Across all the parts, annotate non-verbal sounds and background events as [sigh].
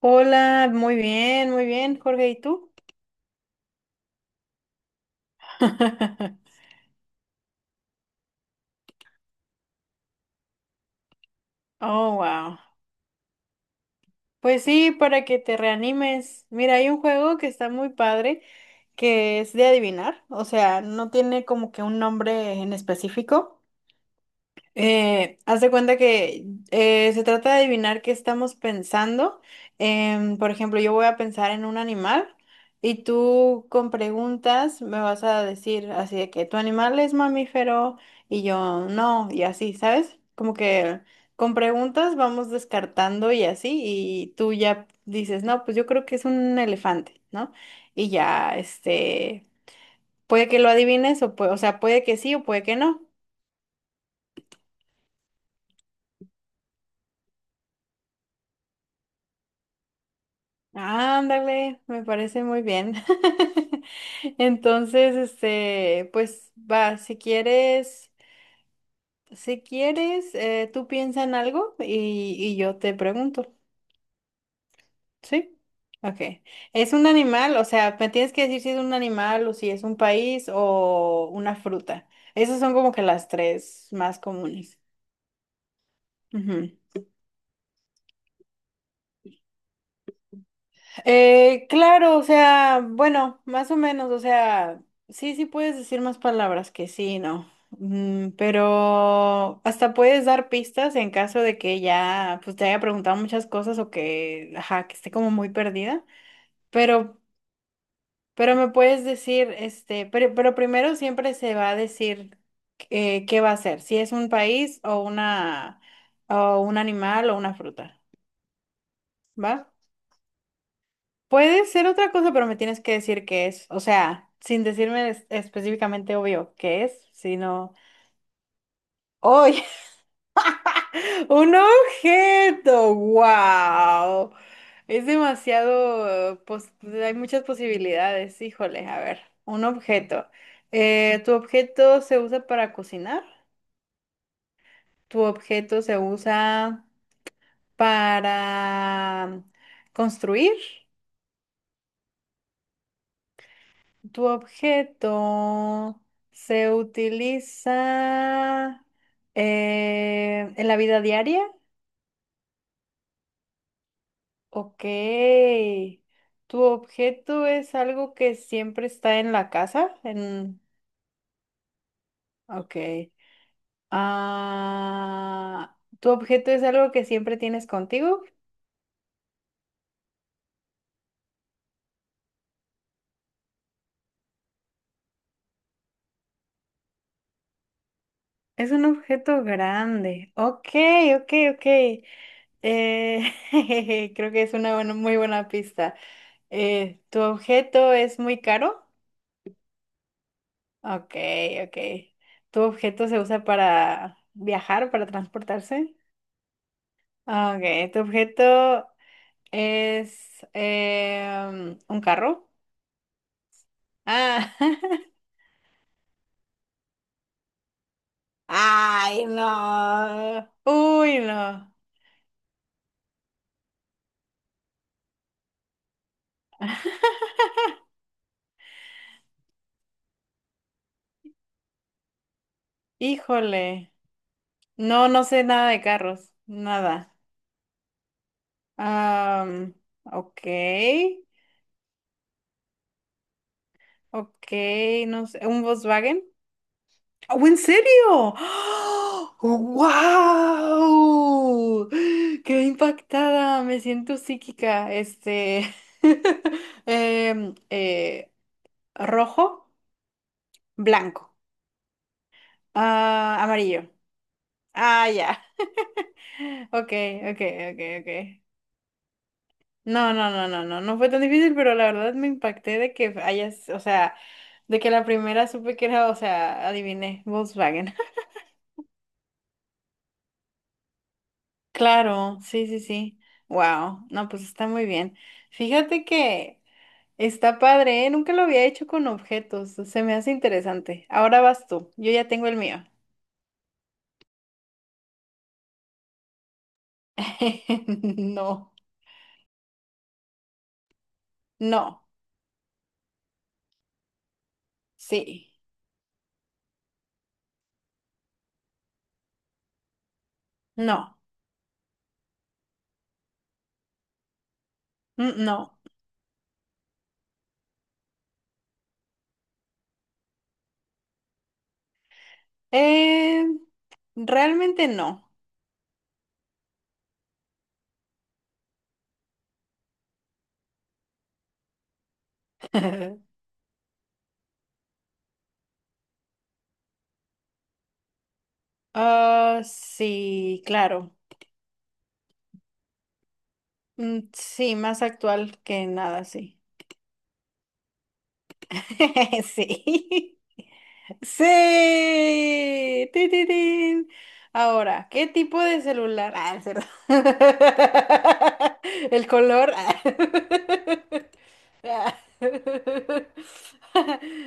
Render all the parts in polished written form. Hola, muy bien, Jorge, ¿y tú? [laughs] Oh, wow. Pues sí, para que te reanimes. Mira, hay un juego que está muy padre, que es de adivinar, o sea, no tiene como que un nombre en específico. Haz de cuenta que se trata de adivinar qué estamos pensando. Por ejemplo, yo voy a pensar en un animal y tú con preguntas me vas a decir así de que tu animal es mamífero y yo no, y así, ¿sabes? Como que con preguntas vamos descartando y así, y tú ya dices, no, pues yo creo que es un elefante, ¿no? Y ya, este, puede que lo adivines o sea, puede que sí o puede que no. Ándale, me parece muy bien. [laughs] Entonces, este, pues va, si quieres, tú piensa en algo y yo te pregunto, ¿sí? Ok. ¿Es un animal? O sea, me tienes que decir si es un animal o si es un país o una fruta. Esas son como que las tres más comunes. Claro, o sea, bueno, más o menos, o sea, sí, sí puedes decir más palabras que sí, no. Pero hasta puedes dar pistas en caso de que ya, pues te haya preguntado muchas cosas o que, ajá, que esté como muy perdida, pero, pero me puedes decir, este, pero primero siempre se va a decir qué va a ser, si es un país o una, o un animal o una fruta, ¿va? Puede ser otra cosa, pero me tienes que decir qué es. O sea, sin decirme específicamente obvio qué es, sino. ¡Oye! [laughs] ¡Un objeto! ¡Wow! Es demasiado. Hay muchas posibilidades. Híjole, a ver. Un objeto. ¿Tu objeto se usa para cocinar? ¿Tu objeto se usa para construir? Tu objeto se utiliza en la vida diaria. Ok. Tu objeto es algo que siempre está en la casa. Ok. Ah, tu objeto es algo que siempre tienes contigo. Es un objeto grande. Ok, ok, ok. Eh, [laughs] Creo que es una muy buena pista. ¿Tu objeto es muy caro? Ok, ok. ¿Tu objeto se usa para viajar, para transportarse? Ok, ¿tu objeto es un carro? Ah. [laughs] Ay, no. Uy, no. Híjole. No, no sé nada de carros. Nada. Am, ok. Ok, no sé. ¿Un Volkswagen? ¡Oh, en serio! ¡Wow! ¡Qué impactada! Me siento psíquica. Este. [laughs] em, eh, rojo, blanco, ah, amarillo. Ah, ya. [laughs] Ok, ok, ok, ok. No, no, no, no, no. No fue tan difícil, pero la verdad me impacté de que hayas, o sea, de que la primera supe que era, o sea, adiviné, Volkswagen. Claro, sí, sí, sí. Wow, no, pues está muy bien. Fíjate que está padre, ¿eh? Nunca lo había hecho con objetos, se me hace interesante. Ahora vas tú, yo ya tengo el mío. [laughs] No, no, sí, no, mm, no. Eh, realmente no. [laughs] Ah, sí, claro. Mm, sí, más actual que nada, sí. [laughs] Sí. Sí. Tin, tin, tin. Ahora, ¿qué tipo de celular? Ah, es cierto. [laughs] El color. Ah. [laughs]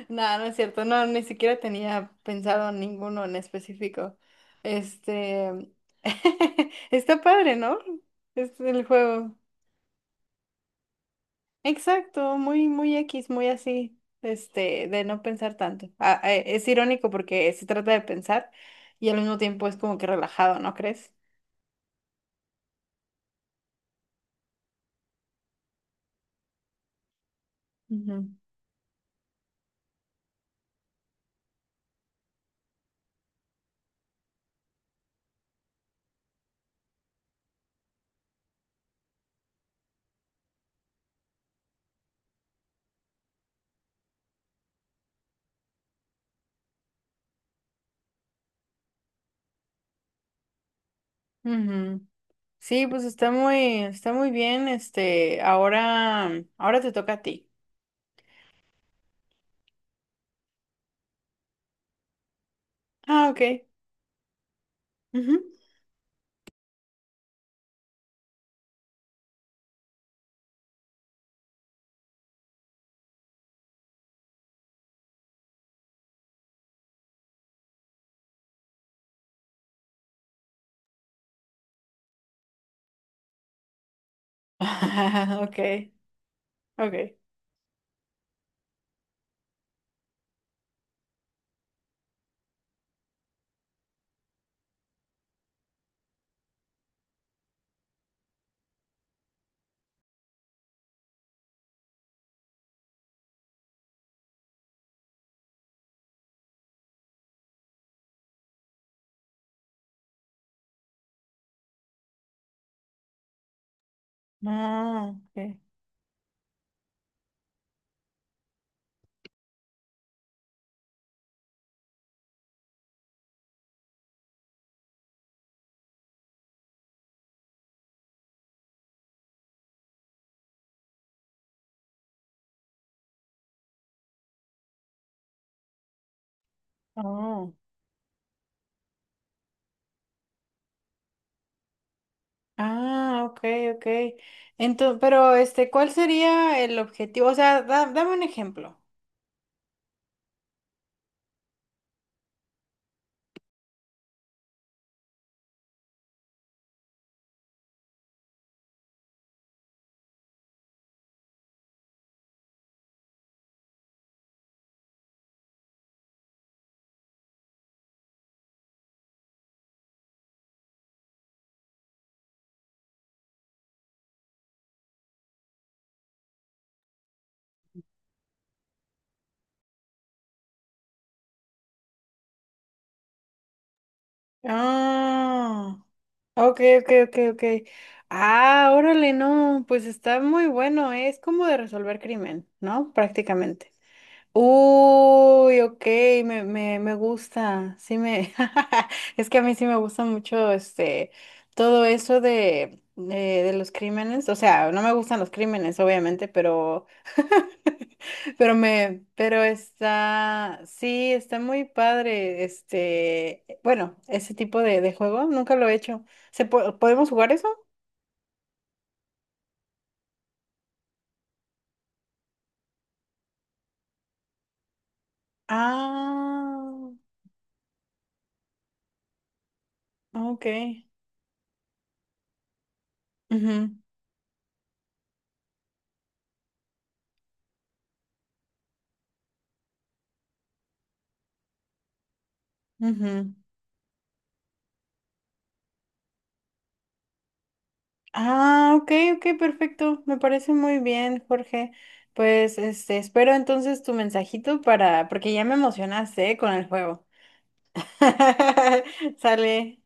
No, no es cierto. No, ni siquiera tenía pensado ninguno en específico. Este. [laughs] Está padre, ¿no? Es el juego. Exacto, muy, muy X, muy así, este, de no pensar tanto. Ah, es irónico porque se trata de pensar y al mismo tiempo es como que relajado, ¿no crees? Ujú, ujú. Sí, pues está muy, bien, este, ahora te toca a ti. Ah, ok. Ujú. [laughs] Ok, ok. Ah, ok. Oh. Ah, ok, ok. Entonces, pero este, ¿cuál sería el objetivo? O sea, dame un ejemplo. Ah, ok, ok, ok, ok. Ah, órale, no, pues está muy bueno, ¿eh? Es como de resolver crimen, ¿no? Prácticamente. Uy, ok, me gusta, sí me, [laughs] es que a mí sí me gusta mucho este, todo eso de los crímenes, o sea, no me gustan los crímenes, obviamente, pero, [laughs] pero está, sí, está muy padre, este, bueno, ese tipo de juego, nunca lo he hecho. ¿Podemos jugar eso? Ah, ok, mhm, ah, ok, ok, perfecto. Me parece muy bien, Jorge. Pues este, espero entonces tu mensajito para, porque ya me emocionaste, ¿eh? Con el juego. [laughs] Sale.